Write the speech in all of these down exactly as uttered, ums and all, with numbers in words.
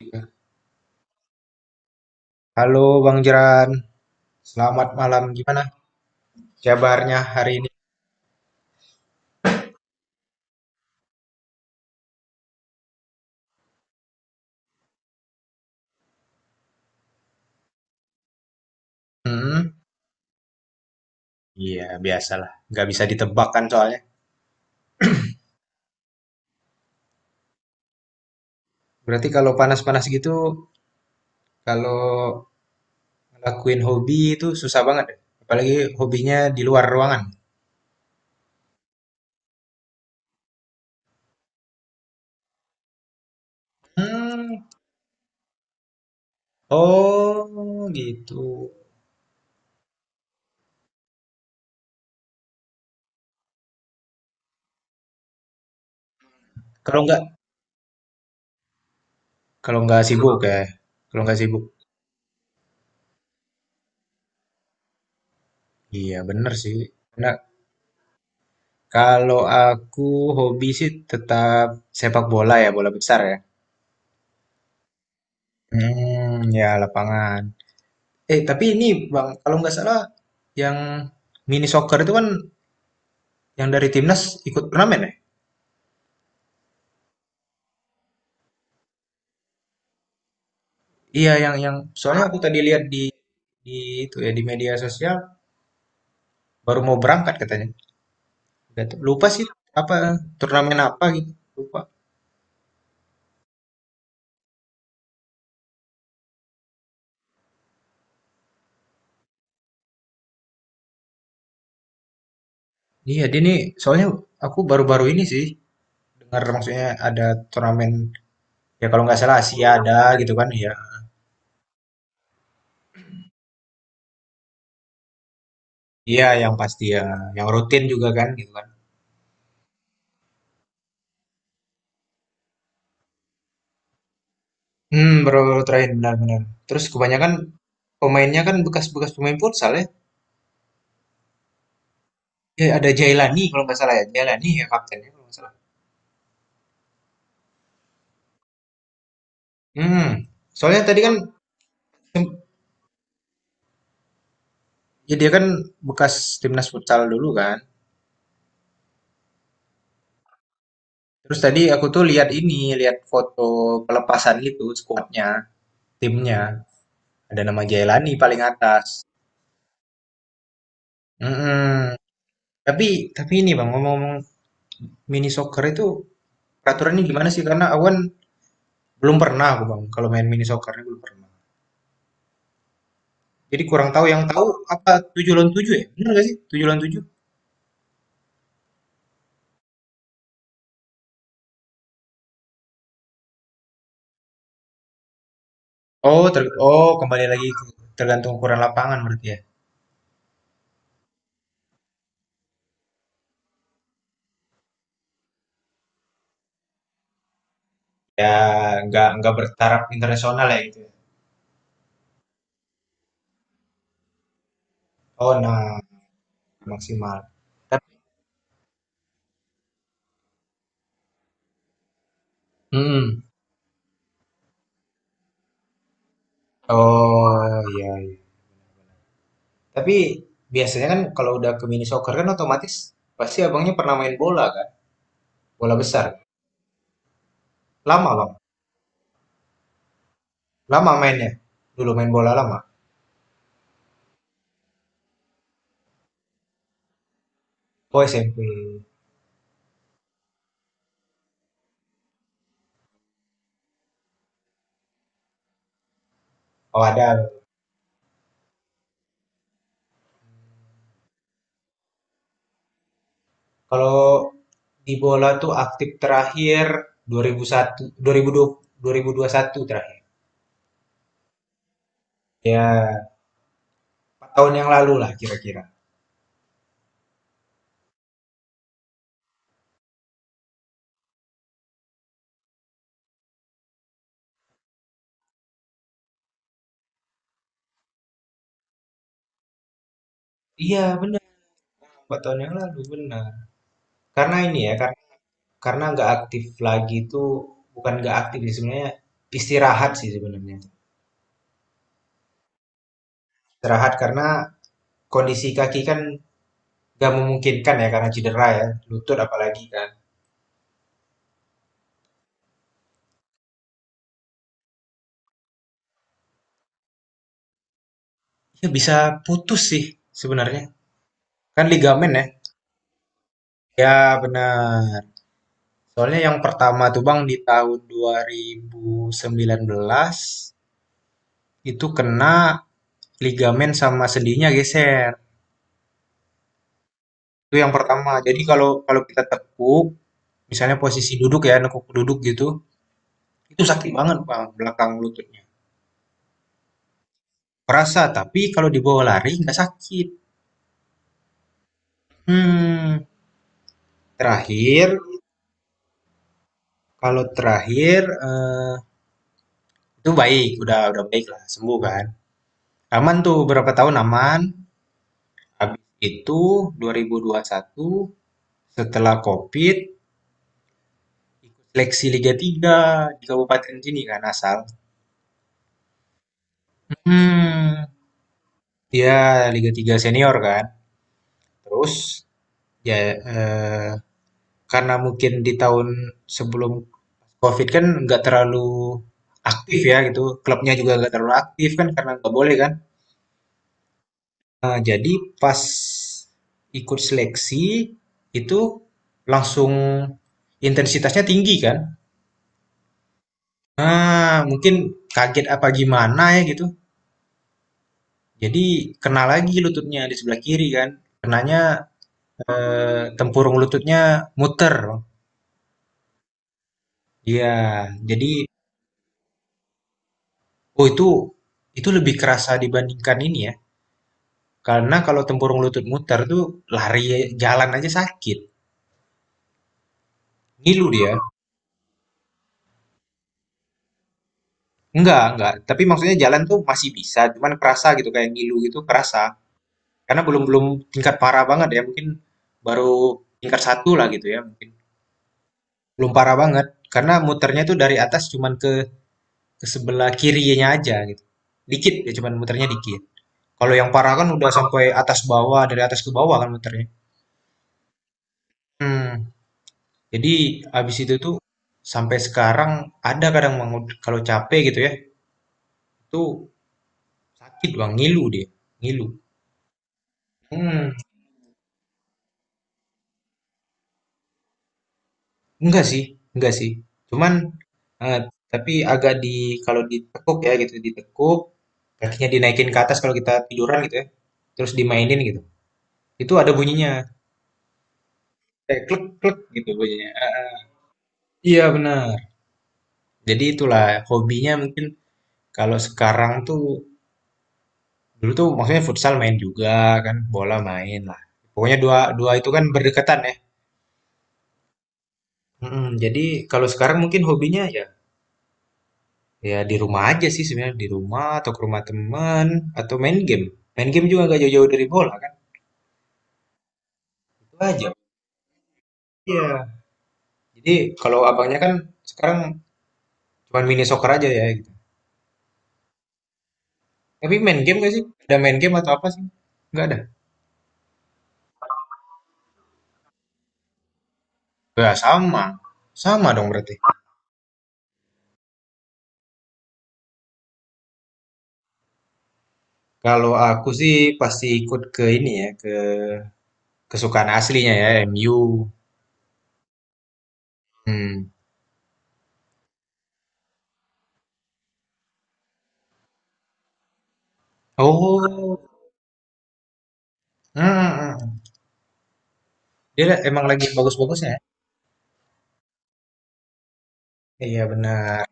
Ya. Halo Bang Jeran, selamat malam. Gimana kabarnya hari ini? Hmm, iya biasalah, nggak bisa ditebak kan soalnya. Berarti kalau panas-panas gitu, kalau ngelakuin hobi itu susah banget, ya? Apalagi hobinya di luar ruangan. Hmm, oh gitu. Kalau nggak, kalau nggak sibuk ya, kalau nggak sibuk. Iya bener sih. Nah, kalau aku hobi sih tetap sepak bola ya, bola besar ya. Hmm, ya lapangan. Eh, tapi ini Bang, kalau nggak salah yang mini soccer itu kan yang dari timnas ikut turnamen ya? Iya, yang yang soalnya aku tadi lihat di di itu ya di media sosial baru mau berangkat katanya. Nggak tahu- Lupa sih apa turnamen apa gitu. Lupa. Iya, dia nih soalnya aku baru-baru ini sih dengar maksudnya ada turnamen ya kalau nggak salah Asia ada gitu kan ya. Iya, yang pasti ya, yang rutin juga kan gitu kan. Hmm, baru-baru terakhir benar-benar. Terus kebanyakan pemainnya kan bekas-bekas pemain futsal ya. Eh, ada Jailani kalau nggak salah ya. Jailani ya kaptennya kalau nggak salah. Hmm. Soalnya tadi kan tim- ya dia kan bekas timnas futsal dulu kan. Terus tadi aku tuh lihat ini, lihat foto pelepasan gitu skuadnya, timnya. Ada nama Jailani paling atas. Mm-mm. Tapi tapi ini Bang, ngomong-ngomong mini soccer itu peraturannya gimana sih? Karena aku kan belum pernah aku Bang kalau main mini soccer ini belum pernah. Jadi kurang tahu yang tahu apa tujuh lawan tujuh ya? Benar nggak sih? tujuh lawan tujuh? Oh, ter- oh kembali lagi ke- tergantung ukuran lapangan berarti ya. Ya, nggak nggak bertaraf internasional ya gitu. ya. Oh, nah maksimal. Tapi, Mm-mm. Oh iya, iya. Tapi biasanya kan kalau udah ke mini soccer kan otomatis pasti abangnya pernah main bola kan, bola besar. Lama bang, lama mainnya. Dulu main bola lama. Oh S M P. Oh ada. Kalau di bola tuh aktif terakhir dua ribu satu, dua ribu dua puluh, dua ribu ribu ribu satu dua puluh satu terakhir. Ya, empat tahun yang lalu lah kira-kira. Iya benar. empat tahun yang lalu benar. Karena ini ya kar- karena nggak aktif lagi itu bukan nggak aktif sih sebenarnya istirahat sih sebenarnya. Istirahat karena kondisi kaki kan nggak memungkinkan ya karena cedera ya lutut apalagi kan. Ya bisa putus sih sebenarnya. Kan ligamen ya. Ya benar. Soalnya yang pertama tuh Bang di tahun dua ribu sembilan belas itu kena ligamen sama sendinya geser. Itu yang pertama. Jadi kalau kalau kita tekuk, misalnya posisi duduk ya, nekuk duduk gitu, itu sakit banget Bang, belakang lututnya. Kerasa, tapi kalau dibawa lari nggak sakit. Hmm, terakhir, kalau terakhir eh, itu baik, udah udah baik lah, sembuh kan. Aman tuh berapa tahun aman. Habis itu dua dua ribu dua puluh satu setelah COVID ikut seleksi Liga tiga di kabupaten sini kan asal. Hmm, dia Liga tiga senior kan. Terus Ya, eee, karena mungkin di tahun sebelum COVID kan nggak terlalu aktif ya gitu, klubnya juga nggak terlalu aktif kan karena nggak boleh kan. Eee, jadi pas ikut seleksi itu langsung intensitasnya tinggi kan. Ah, mungkin kaget apa gimana ya gitu, jadi kena lagi lututnya di sebelah kiri kan. Kenanya, eee, tempurung lututnya muter. Iya, jadi Oh itu itu lebih kerasa dibandingkan ini ya. Karena kalau tempurung lutut muter tuh lari jalan aja sakit. Ngilu dia. Enggak, enggak. Tapi maksudnya jalan tuh masih bisa, cuman kerasa gitu kayak ngilu gitu kerasa. Karena belum belum tingkat parah banget ya, mungkin baru tingkat satu lah gitu ya mungkin. Belum parah banget karena muternya tuh dari atas cuman ke ke sebelah kirinya aja gitu. Dikit ya cuman muternya dikit. Kalau yang parah kan udah sampai atas bawah, dari atas ke bawah kan muternya. Hmm. Jadi abis itu tuh sampai sekarang ada kadang Bang, kalau capek gitu ya, itu sakit Bang, ngilu dia, ngilu. Hmm, enggak sih, enggak sih. Cuman eh, tapi agak di kalau ditekuk ya gitu, ditekuk, kakinya dinaikin ke atas kalau kita tiduran gitu ya, terus dimainin gitu. Itu ada bunyinya, kayak klek klek gitu bunyinya. Iya benar. Jadi itulah hobinya mungkin kalau sekarang tuh dulu tuh maksudnya futsal main juga kan, bola main lah. Pokoknya dua dua itu kan berdekatan ya. Mm-mm, jadi kalau sekarang mungkin hobinya ya ya di rumah aja sih sebenarnya di rumah atau ke rumah teman atau main game. Main game juga gak jauh-jauh dari bola kan. Itu aja. Iya. Jadi kalau abangnya kan sekarang cuman mini soccer aja ya gitu. Tapi main game gak sih? Ada main game atau apa sih? Nggak ada. nggak sama. Sama dong berarti. Kalau aku sih pasti ikut ke ini ya, ke kesukaan aslinya ya, M U. Hmm. Oh, hmm. hmm, hmm. Dia emang lagi bagus-bagusnya ya? Iya benar.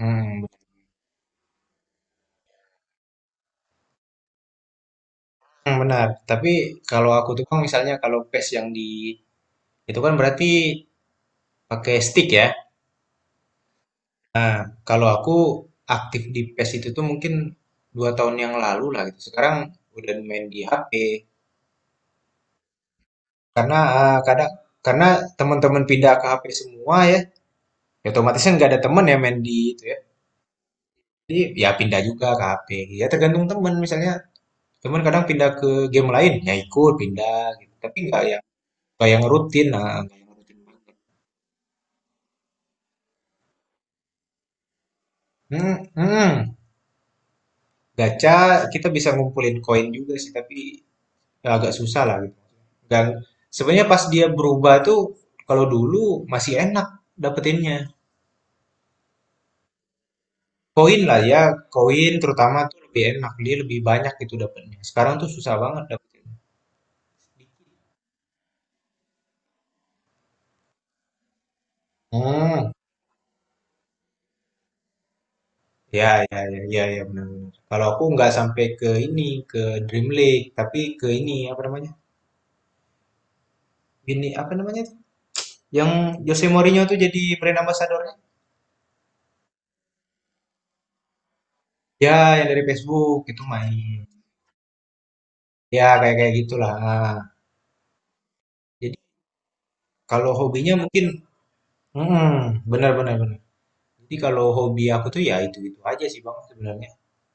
Hmm. Hmm, Benar. Tapi kalau aku tuh kan misalnya kalau pace yang di itu kan berarti pakai stick ya. Nah, kalau aku aktif di PES itu tuh mungkin dua tahun yang lalu lah gitu. Sekarang udah main di ha pe karena ah, kadang karena teman-teman pindah ke ha pe semua ya. Ya otomatis kan nggak ada teman ya main di itu ya. Jadi ya pindah juga ke ha pe. Ya tergantung teman misalnya Cuman kadang pindah ke game lain, ya ikut pindah gitu. Tapi nggak yang nggak yang rutin, nah, nggak yang rutin banget. Hmm, hmm. Gacha kita bisa ngumpulin koin juga sih, tapi ya agak susah lah gitu. Dan sebenarnya pas dia berubah tuh kalau dulu masih enak dapetinnya. Koin lah ya, koin terutama tuh lebih enak, dia lebih banyak gitu dapetnya. Sekarang tuh susah banget dapetin. Hmm. Ya, ya, ya, ya, ya benar-benar. Kalau aku nggak sampai ke ini, ke Dream League, tapi ke ini apa namanya? Ini apa namanya? tuh? Yang Jose Mourinho tuh jadi brand ambassador-nya. Ya, yang dari Facebook itu main. Ya, kayak kayak gitulah. Jadi kalau hobinya mungkin, hmm, benar, benar, benar. Jadi kalau hobi aku tuh ya itu itu aja sih bang sebenarnya.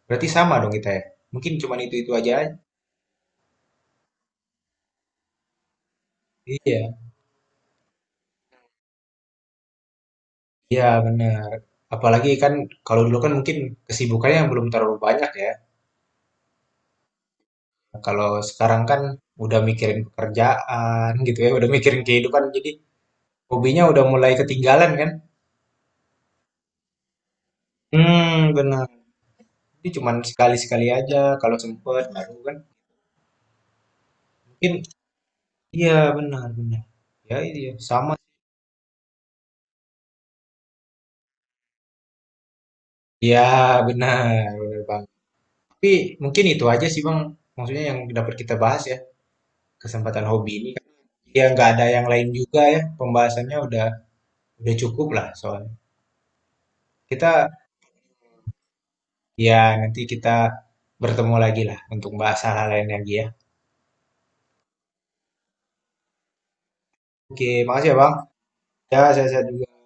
Berarti sama dong kita ya. Mungkin cuman itu itu aja. Iya, iya benar. Apalagi kan kalau dulu kan mungkin kesibukannya yang belum terlalu banyak ya. Nah, Kalau sekarang kan udah mikirin pekerjaan gitu ya, udah mikirin kehidupan, jadi hobinya udah mulai ketinggalan kan? Hmm, benar. Jadi cuman sekali-sekali aja kalau sempet, baru kan? Mungkin iya benar benar. Ya iya sama. Ya benar, benar bang. Tapi mungkin itu aja sih bang, maksudnya yang dapat kita bahas ya kesempatan hobi ini. Ya nggak ada yang lain juga ya, pembahasannya udah udah cukup lah soalnya. Kita Iya, nanti kita bertemu lagi lah untuk bahas hal-hal lain lagi ya. Oke, makasih ya Bang. Ya, saya sehat juga.